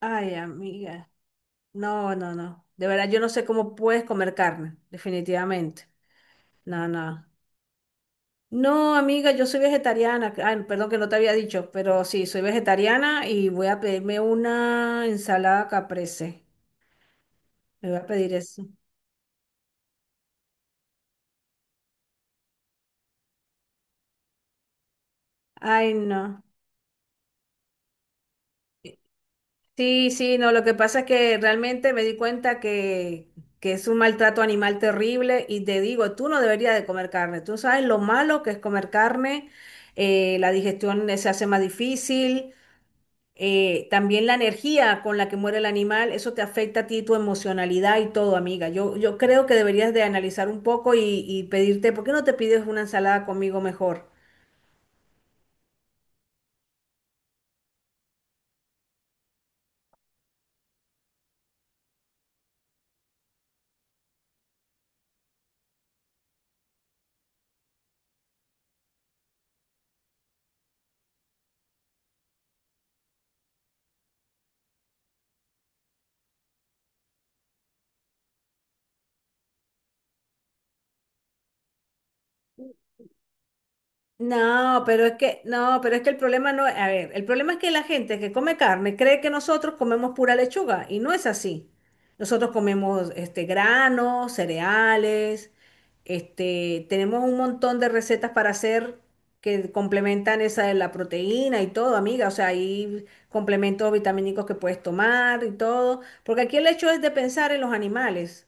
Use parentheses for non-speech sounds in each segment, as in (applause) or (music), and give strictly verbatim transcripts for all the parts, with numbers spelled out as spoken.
Ay, amiga. No, no, no. De verdad, yo no sé cómo puedes comer carne, definitivamente. No, no. No, amiga, yo soy vegetariana. Ay, perdón que no te había dicho, pero sí, soy vegetariana y voy a pedirme una ensalada caprese. Me voy a pedir eso. Ay, no. Sí, sí, no. Lo que pasa es que realmente me di cuenta que, que es un maltrato animal terrible y te digo, tú no deberías de comer carne. Tú sabes lo malo que es comer carne. Eh, la digestión eh, se hace más difícil eh, también la energía con la que muere el animal, eso te afecta a ti, tu emocionalidad y todo, amiga. Yo, yo creo que deberías de analizar un poco y, y pedirte, ¿por qué no te pides una ensalada conmigo mejor? No, pero es que, no, pero es que el problema no es, a ver, el problema es que la gente que come carne cree que nosotros comemos pura lechuga y no es así. Nosotros comemos este granos, cereales, este, tenemos un montón de recetas para hacer que complementan esa de la proteína y todo, amiga. O sea, hay complementos vitamínicos que puedes tomar y todo, porque aquí el hecho es de pensar en los animales.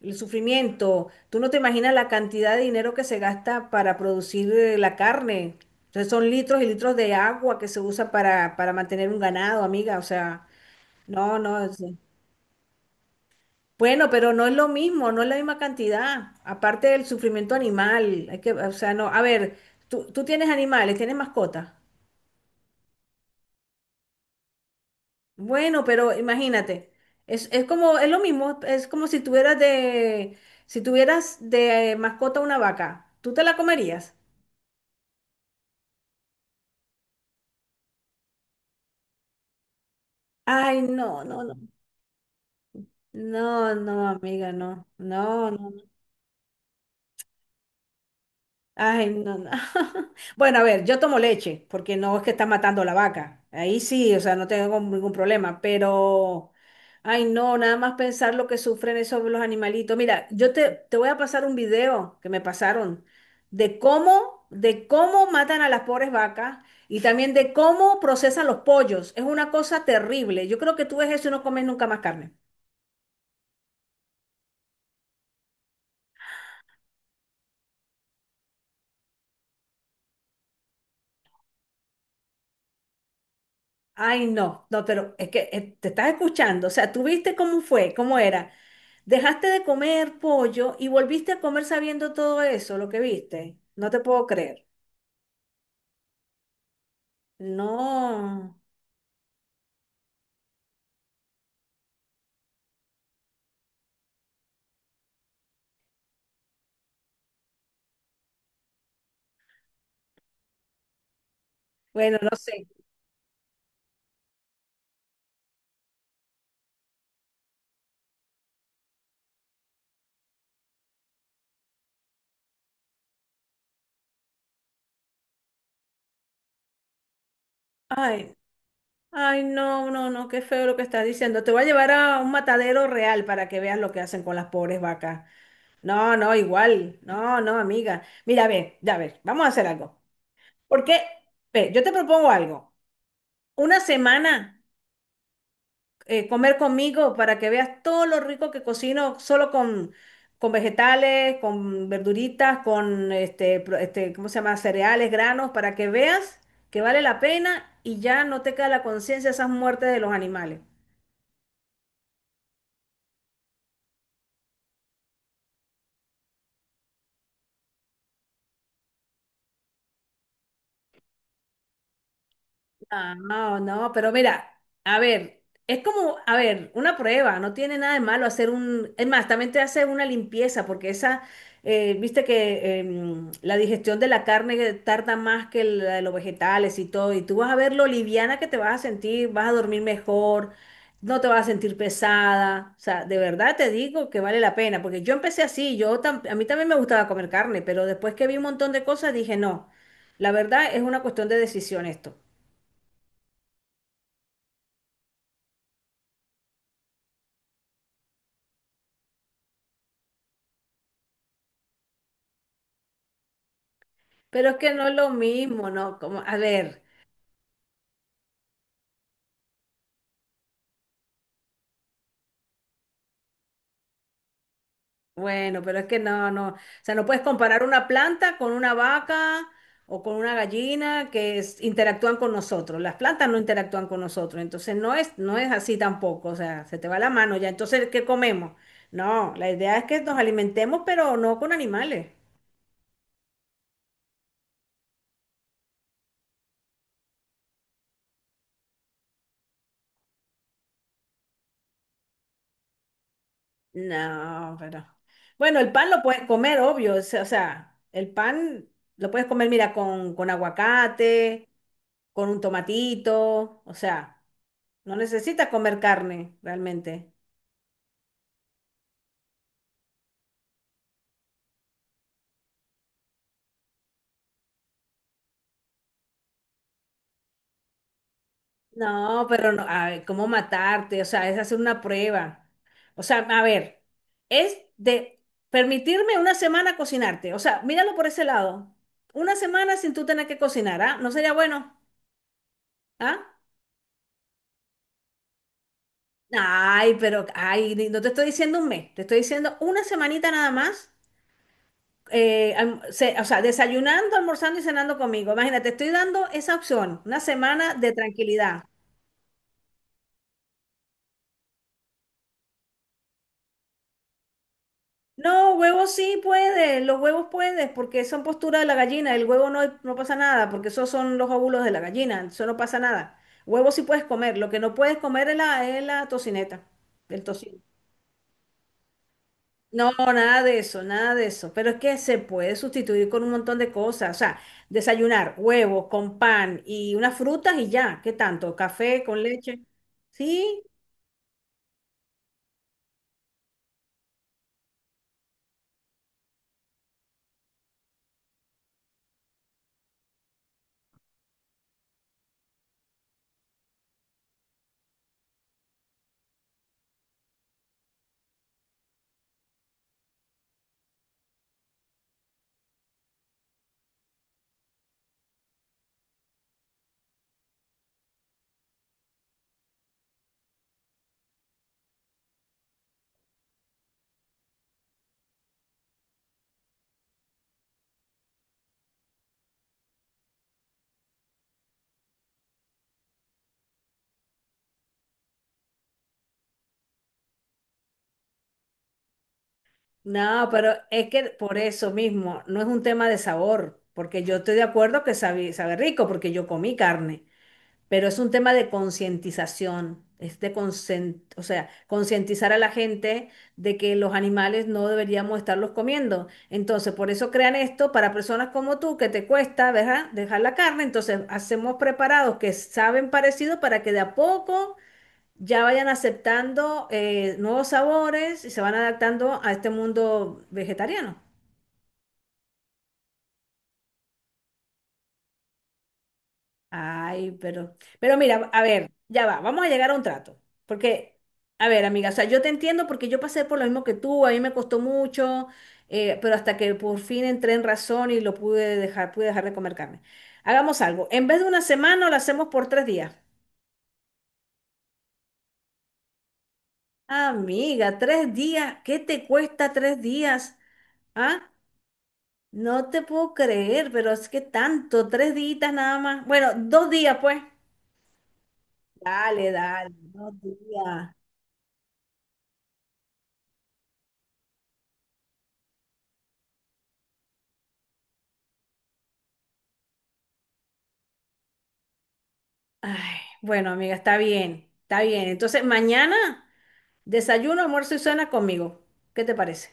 El sufrimiento. Tú no te imaginas la cantidad de dinero que se gasta para producir eh, la carne. Entonces son litros y litros de agua que se usa para, para mantener un ganado, amiga. O sea, no, no. es- eh, Bueno, pero no es lo mismo, no es la misma cantidad. Aparte del sufrimiento animal. Hay que, o sea, no. A ver, tú, tú tienes animales, tienes mascotas. Bueno, pero imagínate. Es, es como, es lo mismo. Es como si tuvieras de, Si tuvieras de mascota una vaca. ¿Tú te la comerías? Ay, no, no, no. No, no, amiga, no. No, no. No. Ay, no, no. (laughs) Bueno, a ver, yo tomo leche, porque no es que está matando la vaca. Ahí sí, o sea, no tengo ningún problema, pero... Ay, no, nada más pensar lo que sufren esos los animalitos. Mira, yo te, te voy a pasar un video que me pasaron de cómo, de cómo matan a las pobres vacas y también de cómo procesan los pollos. Es una cosa terrible. Yo creo que tú ves eso y no comes nunca más carne. Ay, no, no, pero es que eh, te estás escuchando, o sea, tú viste cómo fue, cómo era. Dejaste de comer pollo y volviste a comer sabiendo todo eso, lo que viste. No te puedo creer. No, bueno, no sé. Ay, ay, no, no, no, qué feo lo que estás diciendo. Te voy a llevar a un matadero real para que veas lo que hacen con las pobres vacas. No, no, igual. No, no, amiga. Mira, ve, ya ver, vamos a hacer algo. Porque, ve, yo te propongo algo. Una semana. Eh, comer conmigo para que veas todo lo rico que cocino solo con, con vegetales, con verduritas, con este, pro- este, ¿cómo se llama? Cereales, granos, para que veas que vale la pena y ya no te queda la conciencia de esas muertes de los animales. Ah, no, no, pero mira, a ver, es como, a ver, una prueba, no tiene nada de malo hacer un, es más, también te hace una limpieza, porque esa, eh, viste que em, la digestión de la carne tarda más que la de los vegetales y todo, y tú vas a ver lo liviana que te vas a sentir, vas a dormir mejor, no te vas a sentir pesada, o sea, de verdad te digo que vale la pena, porque yo empecé así, yo tam- a mí también me gustaba comer carne, pero después que vi un montón de cosas dije, no, la verdad es una cuestión de decisión esto. Pero es que no es lo mismo, ¿no? Como, a ver, bueno, pero es que no, no. O sea, no puedes comparar una planta con una vaca o con una gallina que es- interactúan con nosotros. Las plantas no interactúan con nosotros, entonces no es, no es así tampoco. O sea, se te va la mano ya. Entonces, ¿qué comemos? No, la idea es que nos alimentemos, pero no con animales. No, pero. Bueno, el pan lo puedes comer, obvio. O sea, o sea, el pan lo puedes comer, mira, con, con aguacate, con un tomatito. O sea, no necesitas comer carne realmente. No, pero no, a ver, ¿cómo matarte? O sea, es hacer una prueba. O sea, a ver, es de permitirme una semana cocinarte. O sea, míralo por ese lado. Una semana sin tú tener que cocinar, ¿ah? ¿No sería bueno? ¿Ah? Ay, pero, ay, ni- no te estoy diciendo un mes, te estoy diciendo una semanita nada más, eh, alm- se- o sea, desayunando, almorzando y cenando conmigo. Imagínate, estoy dando esa opción, una semana de tranquilidad. No, huevos sí puedes, los huevos puedes, porque son postura de la gallina, el huevo no, no pasa nada, porque esos son los óvulos de la gallina, eso no pasa nada. Huevos sí puedes comer, lo que no puedes comer es la, es la tocineta, el tocino. No, nada de eso, nada de eso. Pero es que se puede sustituir con un montón de cosas. O sea, desayunar huevos con pan y unas frutas y ya. ¿Qué tanto? ¿Café con leche? Sí. No, pero es que por eso mismo no es un tema de sabor, porque yo estoy de acuerdo que sabe, sabe rico, porque yo comí carne. Pero es un tema de concientización, es de conscien- o sea, concientizar a la gente de que los animales no deberíamos estarlos comiendo. Entonces, por eso crean esto para personas como tú, que te cuesta, ¿verdad? Dejar la carne. Entonces, hacemos preparados que saben parecido para que de a poco ya vayan aceptando eh, nuevos sabores y se van adaptando a este mundo vegetariano. Ay, pero, pero mira, a ver, ya va, vamos a llegar a un trato. Porque, a ver, amiga, o sea, yo te entiendo porque yo pasé por lo mismo que tú, a mí me costó mucho, eh, pero hasta que por fin entré en razón y lo pude dejar, pude dejar de comer carne. Hagamos algo, en vez de una semana, lo hacemos por tres días. Amiga, tres días, ¿qué te cuesta tres días? ¿Ah? No te puedo creer, pero es que tanto, tres días nada más. Bueno, dos días, pues. Dale, dale, dos días. Ay, bueno, amiga, está bien, está bien. Entonces, mañana desayuno, almuerzo y cena conmigo. ¿Qué te parece?